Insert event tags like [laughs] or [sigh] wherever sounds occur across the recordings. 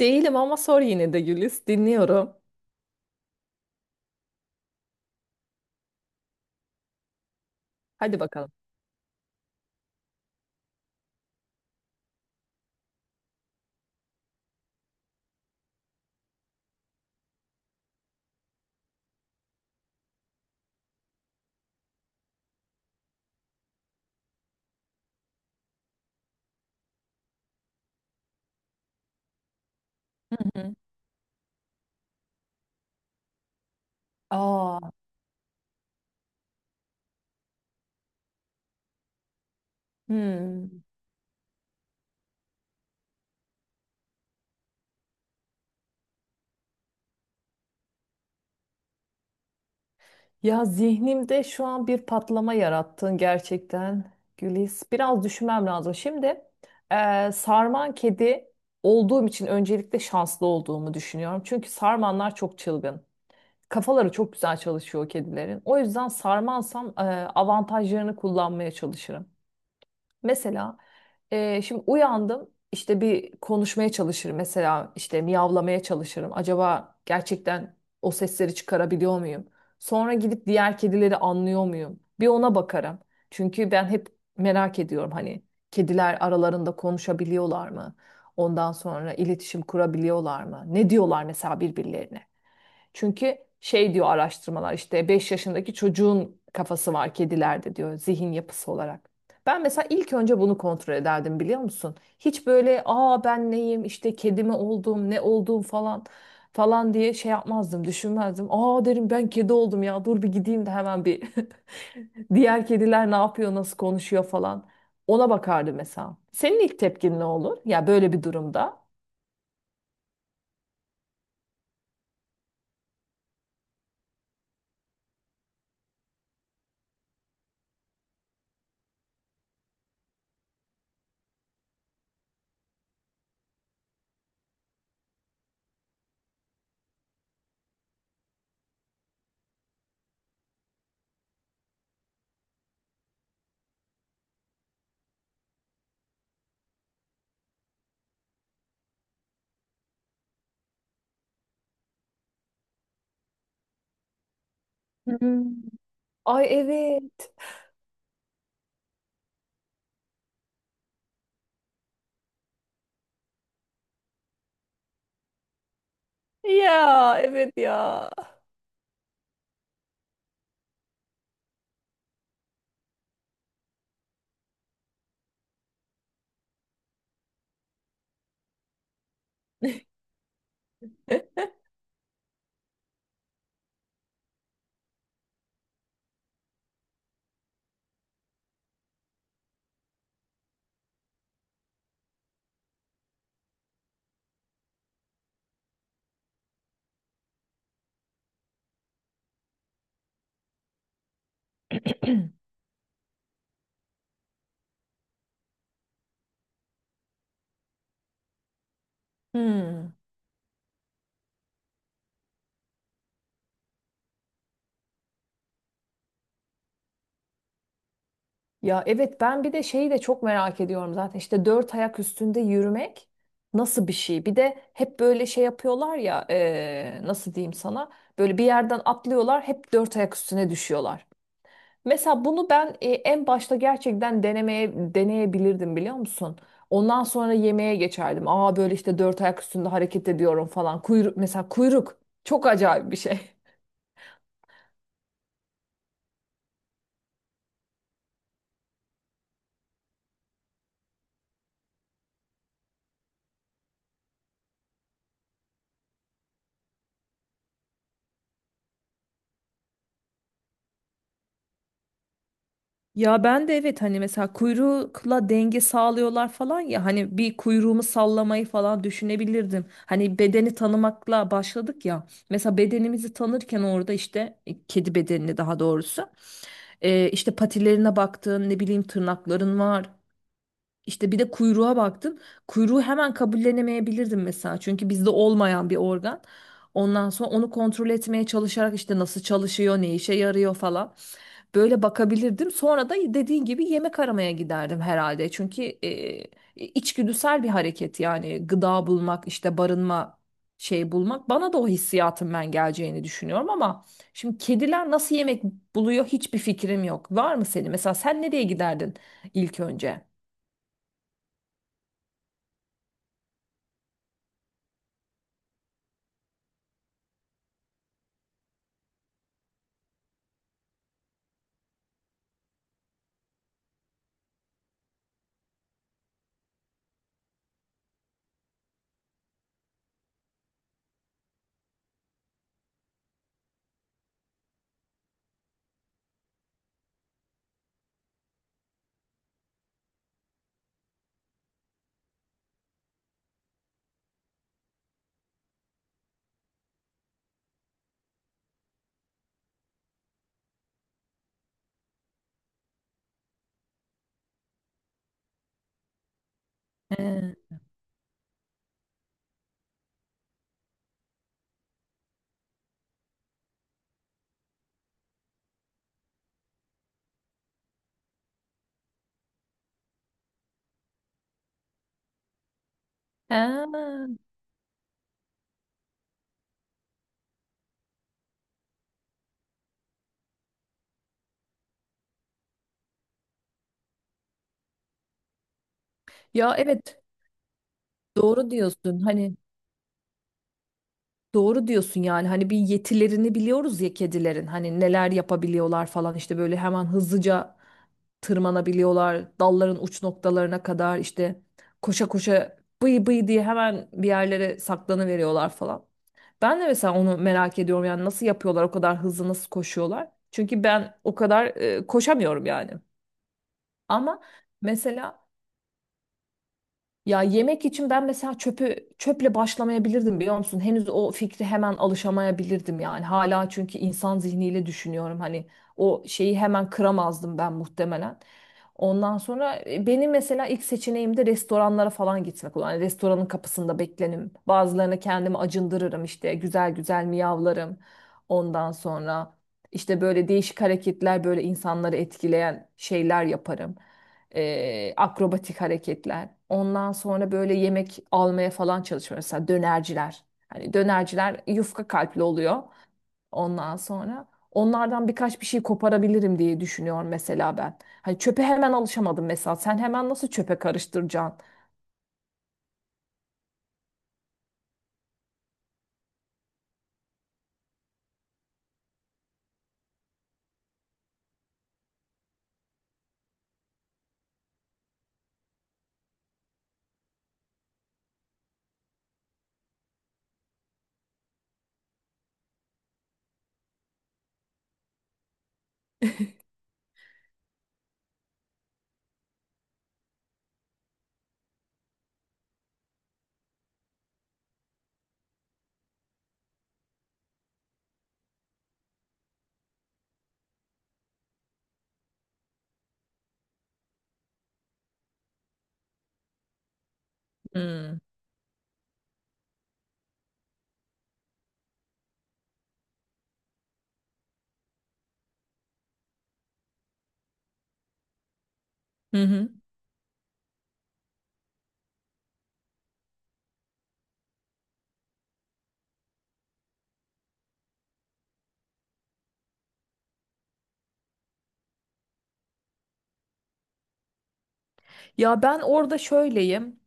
Değilim ama sor yine de Güliz. Dinliyorum. Hadi bakalım. Hı hı. Aa, hmm. Ya zihnimde şu an bir patlama yarattın gerçekten Güliz. Biraz düşünmem lazım. Şimdi sarman kedi olduğum için öncelikle şanslı olduğumu düşünüyorum. Çünkü sarmanlar çok çılgın. Kafaları çok güzel çalışıyor o kedilerin. O yüzden sarmansam avantajlarını kullanmaya çalışırım. Mesela şimdi uyandım işte bir konuşmaya çalışırım, mesela işte miyavlamaya çalışırım. Acaba gerçekten o sesleri çıkarabiliyor muyum? Sonra gidip diğer kedileri anlıyor muyum? Bir ona bakarım. Çünkü ben hep merak ediyorum, hani kediler aralarında konuşabiliyorlar mı? Ondan sonra iletişim kurabiliyorlar mı? Ne diyorlar mesela birbirlerine? Çünkü şey diyor araştırmalar, işte 5 yaşındaki çocuğun kafası var kedilerde diyor, zihin yapısı olarak. Ben mesela ilk önce bunu kontrol ederdim, biliyor musun? Hiç böyle aa ben neyim işte kedi mi oldum ne olduğum falan falan diye şey yapmazdım, düşünmezdim. Aa, derim ben kedi oldum ya, dur bir gideyim de hemen bir [laughs] diğer kediler ne yapıyor, nasıl konuşuyor falan. Ona bakardı mesela. Senin ilk tepkin ne olur? Ya böyle bir durumda. Hmm. Ay, evet. Ya evet ya. [clears throat] Hmm. Ya evet, ben bir de şeyi de çok merak ediyorum zaten, işte dört ayak üstünde yürümek nasıl bir şey? Bir de hep böyle şey yapıyorlar ya nasıl diyeyim sana, böyle bir yerden atlıyorlar, hep dört ayak üstüne düşüyorlar. Mesela bunu ben en başta gerçekten denemeye deneyebilirdim, biliyor musun? Ondan sonra yemeğe geçerdim. Aa, böyle işte dört ayak üstünde hareket ediyorum falan. Kuyruk, mesela kuyruk çok acayip bir şey. Ya ben de evet, hani mesela kuyrukla denge sağlıyorlar falan ya, hani bir kuyruğumu sallamayı falan düşünebilirdim. Hani bedeni tanımakla başladık ya. Mesela bedenimizi tanırken orada işte kedi bedenini, daha doğrusu işte patilerine baktın, ne bileyim tırnakların var, işte bir de kuyruğa baktım. Kuyruğu hemen kabullenemeyebilirdim mesela. Çünkü bizde olmayan bir organ. Ondan sonra onu kontrol etmeye çalışarak işte nasıl çalışıyor, ne işe yarıyor falan. Böyle bakabilirdim. Sonra da dediğin gibi yemek aramaya giderdim herhalde. Çünkü içgüdüsel bir hareket yani gıda bulmak, işte barınma şey bulmak. Bana da o hissiyatın ben geleceğini düşünüyorum ama şimdi kediler nasıl yemek buluyor hiçbir fikrim yok. Var mı senin? Mesela sen nereye giderdin ilk önce? He. He. Ya evet, doğru diyorsun. Hani doğru diyorsun yani, hani bir yetilerini biliyoruz ya kedilerin, hani neler yapabiliyorlar falan, işte böyle hemen hızlıca tırmanabiliyorlar dalların uç noktalarına kadar, işte koşa koşa bıy bıy diye hemen bir yerlere saklanıveriyorlar falan. Ben de mesela onu merak ediyorum, yani nasıl yapıyorlar, o kadar hızlı nasıl koşuyorlar? Çünkü ben o kadar koşamıyorum yani. Ama mesela ya yemek için ben mesela çöpü, çöple başlamayabilirdim, biliyor musun? Henüz o fikri hemen alışamayabilirdim yani. Hala çünkü insan zihniyle düşünüyorum. Hani o şeyi hemen kıramazdım ben muhtemelen. Ondan sonra benim mesela ilk seçeneğim de restoranlara falan gitmek olur. Hani restoranın kapısında beklenim. Bazılarına kendimi acındırırım, işte güzel güzel miyavlarım. Ondan sonra işte böyle değişik hareketler, böyle insanları etkileyen şeyler yaparım, akrobatik hareketler. Ondan sonra böyle yemek almaya falan çalışıyor. Mesela dönerciler. Hani dönerciler yufka kalpli oluyor. Ondan sonra onlardan birkaç bir şey koparabilirim diye düşünüyorum mesela ben. Hani çöpe hemen alışamadım mesela. Sen hemen nasıl çöpe karıştıracaksın? Hmm. Hı hı. Ya ben orada şöyleyim.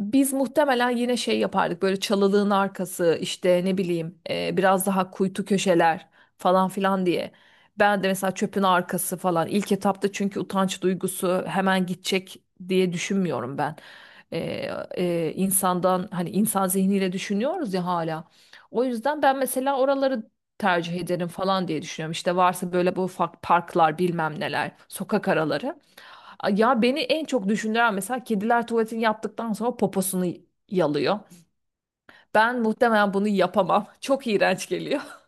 Biz muhtemelen yine şey yapardık, böyle çalılığın arkası, işte ne bileyim biraz daha kuytu köşeler falan filan diye. Ben de mesela çöpün arkası falan ilk etapta, çünkü utanç duygusu hemen gidecek diye düşünmüyorum ben. E, insandan, hani insan zihniyle düşünüyoruz ya hala. O yüzden ben mesela oraları tercih ederim falan diye düşünüyorum. İşte varsa böyle bu ufak parklar bilmem neler, sokak araları. A- ya beni en çok düşündüren, mesela kediler tuvaletini yaptıktan sonra poposunu yalıyor. Ben muhtemelen bunu yapamam. [laughs] Çok iğrenç geliyor. [laughs]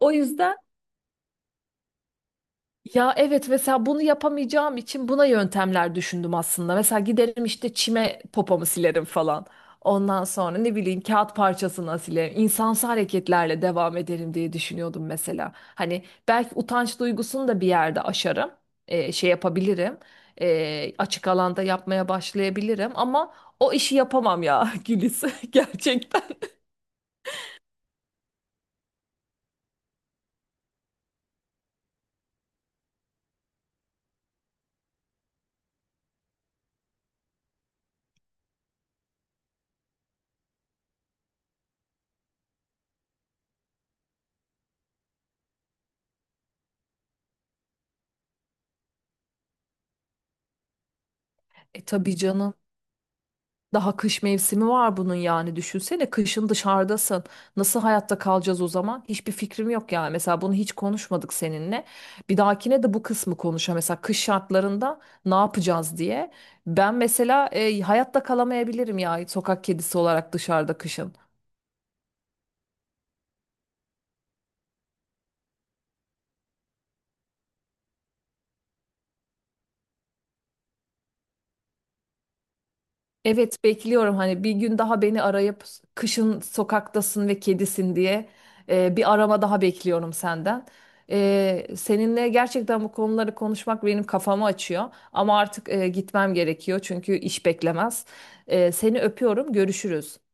O yüzden, ya evet mesela bunu yapamayacağım için buna yöntemler düşündüm aslında. Mesela giderim işte çime popomu silerim falan. Ondan sonra ne bileyim kağıt parçasına silerim. İnsansı hareketlerle devam ederim diye düşünüyordum mesela. Hani belki utanç duygusunu da bir yerde aşarım. Şey yapabilirim. Açık alanda yapmaya başlayabilirim ama o işi yapamam ya [laughs] Gülis [laughs] gerçekten. E tabii canım. Daha kış mevsimi var bunun, yani düşünsene kışın dışarıdasın. Nasıl hayatta kalacağız o zaman? Hiçbir fikrim yok yani. Mesela bunu hiç konuşmadık seninle. Bir dahakine de bu kısmı konuşa. Mesela kış şartlarında ne yapacağız diye. Ben mesela hayatta kalamayabilirim ya sokak kedisi olarak dışarıda kışın. Evet bekliyorum hani bir gün daha beni arayıp kışın sokaktasın ve kedisin diye bir arama daha bekliyorum senden. Seninle gerçekten bu konuları konuşmak benim kafamı açıyor ama artık gitmem gerekiyor çünkü iş beklemez. Seni öpüyorum, görüşürüz.